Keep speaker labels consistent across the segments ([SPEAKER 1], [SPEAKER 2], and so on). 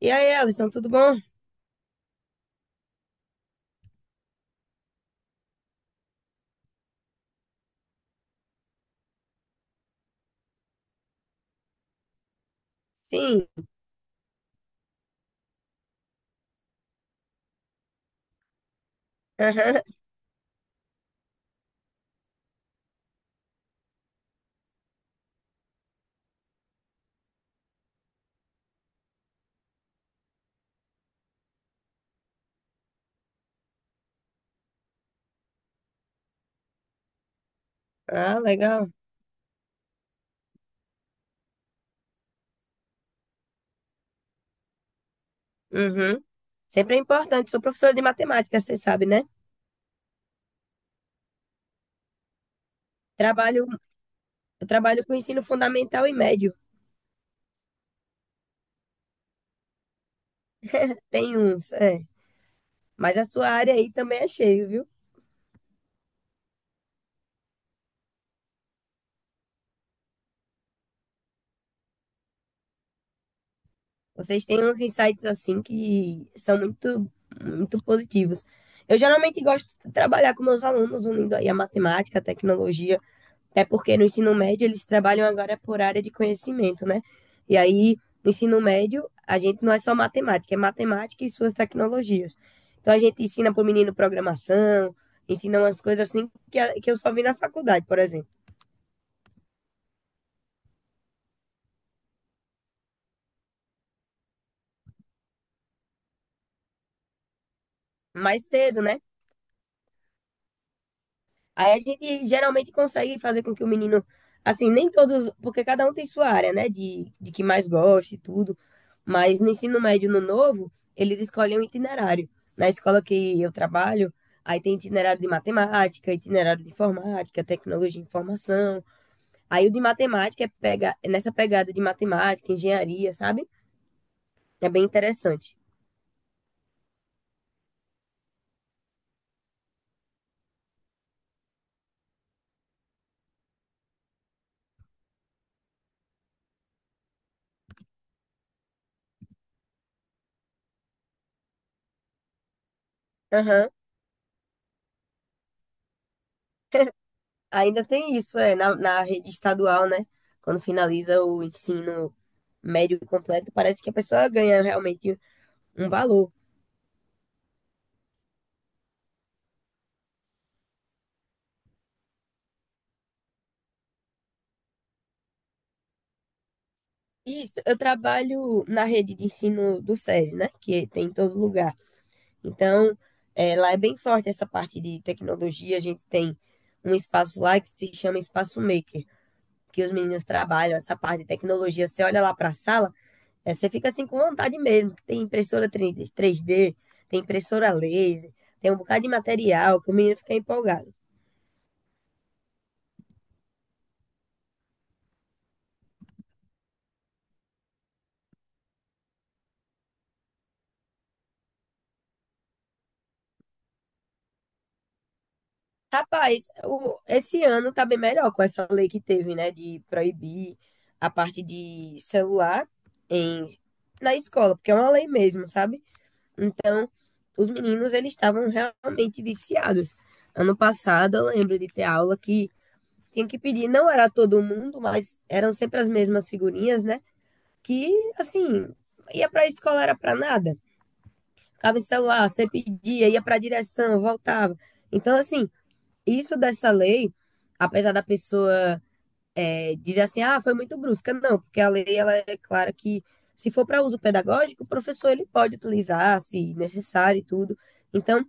[SPEAKER 1] E aí, Alisson, tudo bom? Sim. Aham. Ah, legal. Uhum. Sempre é importante. Sou professora de matemática, você sabe, né? Trabalho, eu trabalho com ensino fundamental e médio. Tem uns, é. Mas a sua área aí também é cheio, viu? Vocês têm uns insights assim que são muito, muito positivos. Eu geralmente gosto de trabalhar com meus alunos, unindo aí a matemática, a tecnologia. É porque no ensino médio eles trabalham agora por área de conhecimento, né? E aí, no ensino médio, a gente não é só matemática, é matemática e suas tecnologias. Então, a gente ensina para o menino programação, ensina umas coisas assim que eu só vi na faculdade, por exemplo. Mais cedo, né? Aí a gente geralmente consegue fazer com que o menino, assim, nem todos, porque cada um tem sua área, né, de que mais gosta e tudo, mas no ensino médio, no novo, eles escolhem um itinerário. Na escola que eu trabalho, aí tem itinerário de matemática, itinerário de informática, tecnologia de informação. Aí o de matemática é pega, é nessa pegada de matemática, engenharia, sabe? É bem interessante. Aham. Ainda tem isso, é, na rede estadual, né? Quando finaliza o ensino médio completo, parece que a pessoa ganha realmente um valor. Isso, eu trabalho na rede de ensino do SESI, né? Que tem em todo lugar. Então, lá é bem forte essa parte de tecnologia. A gente tem um espaço lá que se chama Espaço Maker, que os meninos trabalham essa parte de tecnologia. Você olha lá para a sala, é, você fica assim com vontade mesmo, que tem impressora 3D, tem impressora laser, tem um bocado de material que o menino fica empolgado. Rapaz, esse ano tá bem melhor com essa lei que teve, né, de proibir a parte de celular em, na escola, porque é uma lei mesmo, sabe? Os meninos, eles estavam realmente viciados. Ano passado, eu lembro de ter aula que tinha que pedir, não era todo mundo, mas eram sempre as mesmas figurinhas, né? Que, assim, ia para a escola era para nada. Ficava em celular, você pedia, ia para a direção, voltava. Então, assim, isso dessa lei, apesar da pessoa dizer assim, ah, foi muito brusca, não, porque a lei ela é clara que se for para uso pedagógico, o professor ele pode utilizar, se necessário e tudo. Então,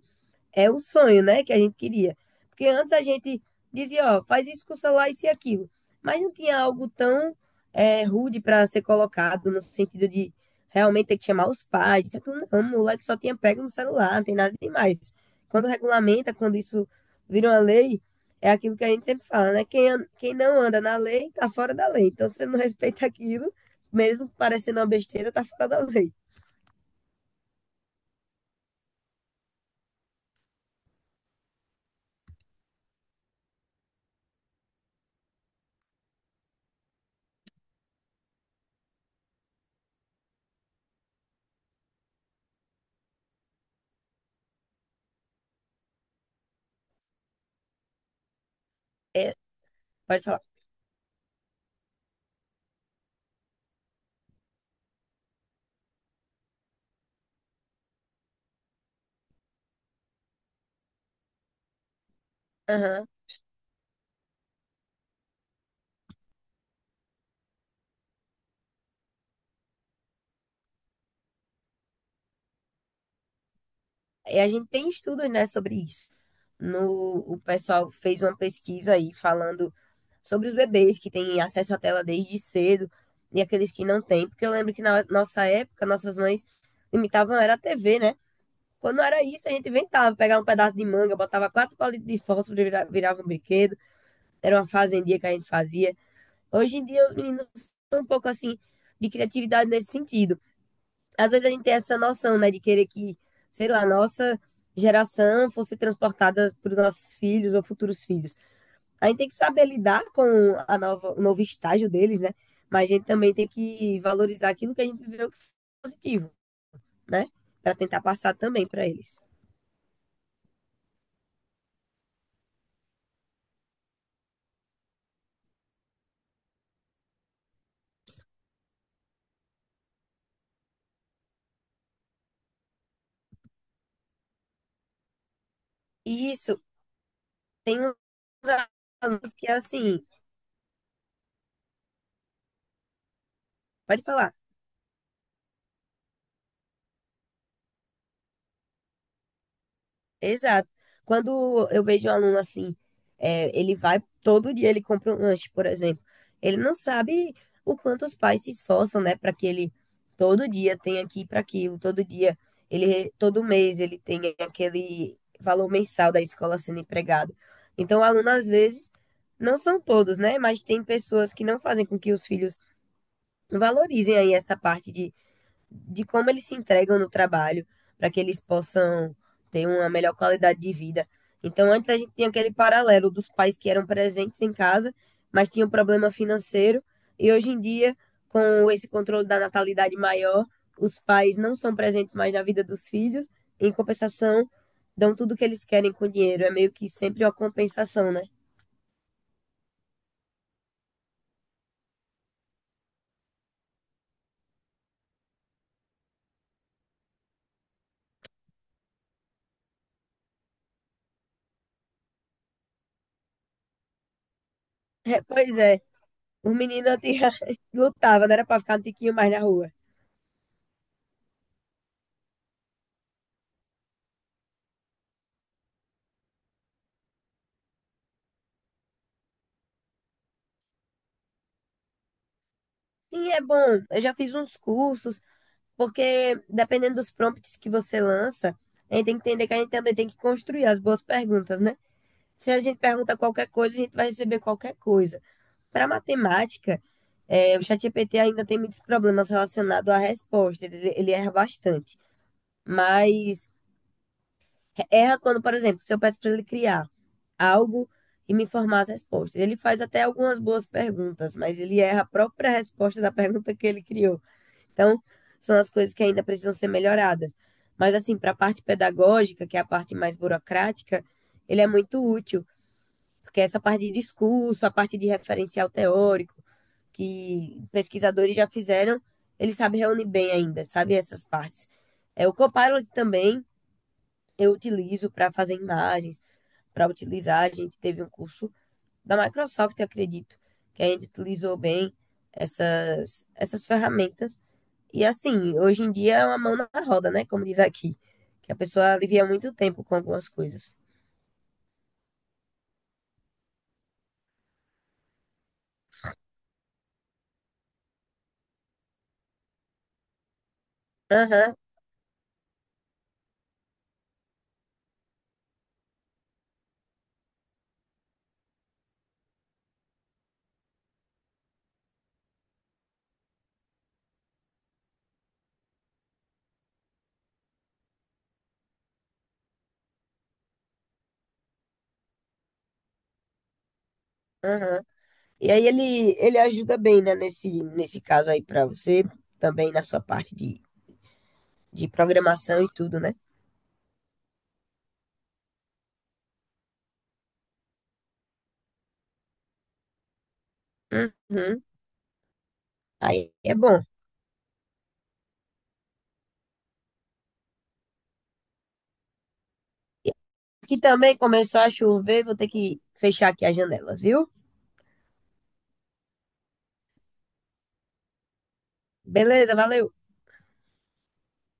[SPEAKER 1] é o sonho, né, que a gente queria. Porque antes a gente dizia, ó, faz isso com o celular, isso e aquilo. Mas não tinha algo tão rude para ser colocado, no sentido de realmente ter que chamar os pais. Isso, aquilo. Não, o moleque só tinha pego no celular, não tem nada demais. Quando regulamenta, quando isso vira uma lei, é aquilo que a gente sempre fala, né? Quem não anda na lei, tá fora da lei. Então, se você não respeita aquilo, mesmo parecendo uma besteira, tá fora da lei. É, pode falar. E a gente tem estudos, né, sobre isso. No, O pessoal fez uma pesquisa aí falando sobre os bebês que têm acesso à tela desde cedo e aqueles que não têm, porque eu lembro que na nossa época, nossas mães limitavam era a TV, né? Quando era isso, a gente inventava, pegava um pedaço de manga, botava quatro palitos de fósforo e virava um brinquedo. Era uma fazendia que a gente fazia. Hoje em dia, os meninos estão um pouco assim de criatividade nesse sentido. Às vezes a gente tem essa noção, né, de querer que, sei lá, nossa geração fosse transportada para os nossos filhos ou futuros filhos. A gente tem que saber lidar com a nova, o novo estágio deles, né? Mas a gente também tem que valorizar aquilo que a gente viveu que foi positivo, né? Para tentar passar também para eles. E isso tem uns alunos que, assim, pode falar. Exato. Quando eu vejo um aluno assim, é, ele vai todo dia, ele compra um lanche, por exemplo. Ele não sabe o quanto os pais se esforçam, né, para que ele todo dia tenha aqui para aquilo, todo dia, todo mês ele tenha aquele valor mensal da escola sendo empregado. Então, o aluno às vezes não são todos, né, mas tem pessoas que não fazem com que os filhos valorizem aí essa parte de como eles se entregam no trabalho para que eles possam ter uma melhor qualidade de vida. Então, antes a gente tinha aquele paralelo dos pais que eram presentes em casa, mas tinham problema financeiro, e hoje em dia, com esse controle da natalidade maior, os pais não são presentes mais na vida dos filhos, em compensação, dão tudo o que eles querem com o dinheiro. É meio que sempre uma compensação, né? É, pois é, os meninos tinha lutavam, não era para ficar um tiquinho mais na rua. Sim, é bom. Eu já fiz uns cursos. Porque dependendo dos prompts que você lança, a gente tem que entender que a gente também tem que construir as boas perguntas, né? Se a gente pergunta qualquer coisa, a gente vai receber qualquer coisa. Para matemática, é, o ChatGPT ainda tem muitos problemas relacionados à resposta, ele erra bastante. Mas erra quando, por exemplo, se eu peço para ele criar algo e me informar as respostas. Ele faz até algumas boas perguntas, mas ele erra a própria resposta da pergunta que ele criou. Então, são as coisas que ainda precisam ser melhoradas. Mas, assim, para a parte pedagógica, que é a parte mais burocrática, ele é muito útil, porque essa parte de discurso, a parte de referencial teórico, que pesquisadores já fizeram, ele sabe reunir bem ainda, sabe essas partes. É, o Copilot também eu utilizo para fazer imagens, para utilizar. A gente teve um curso da Microsoft, eu acredito, que a gente utilizou bem essas ferramentas e assim, hoje em dia é uma mão na roda, né? Como diz aqui. Que a pessoa alivia muito tempo com algumas coisas. Aham, aham. E aí ele ajuda bem, né? Nesse caso aí pra você, também na sua parte de programação e tudo, né? Uhum. Aí é bom. E aqui também começou a chover, vou ter que fechar aqui as janelas, viu? Beleza, valeu.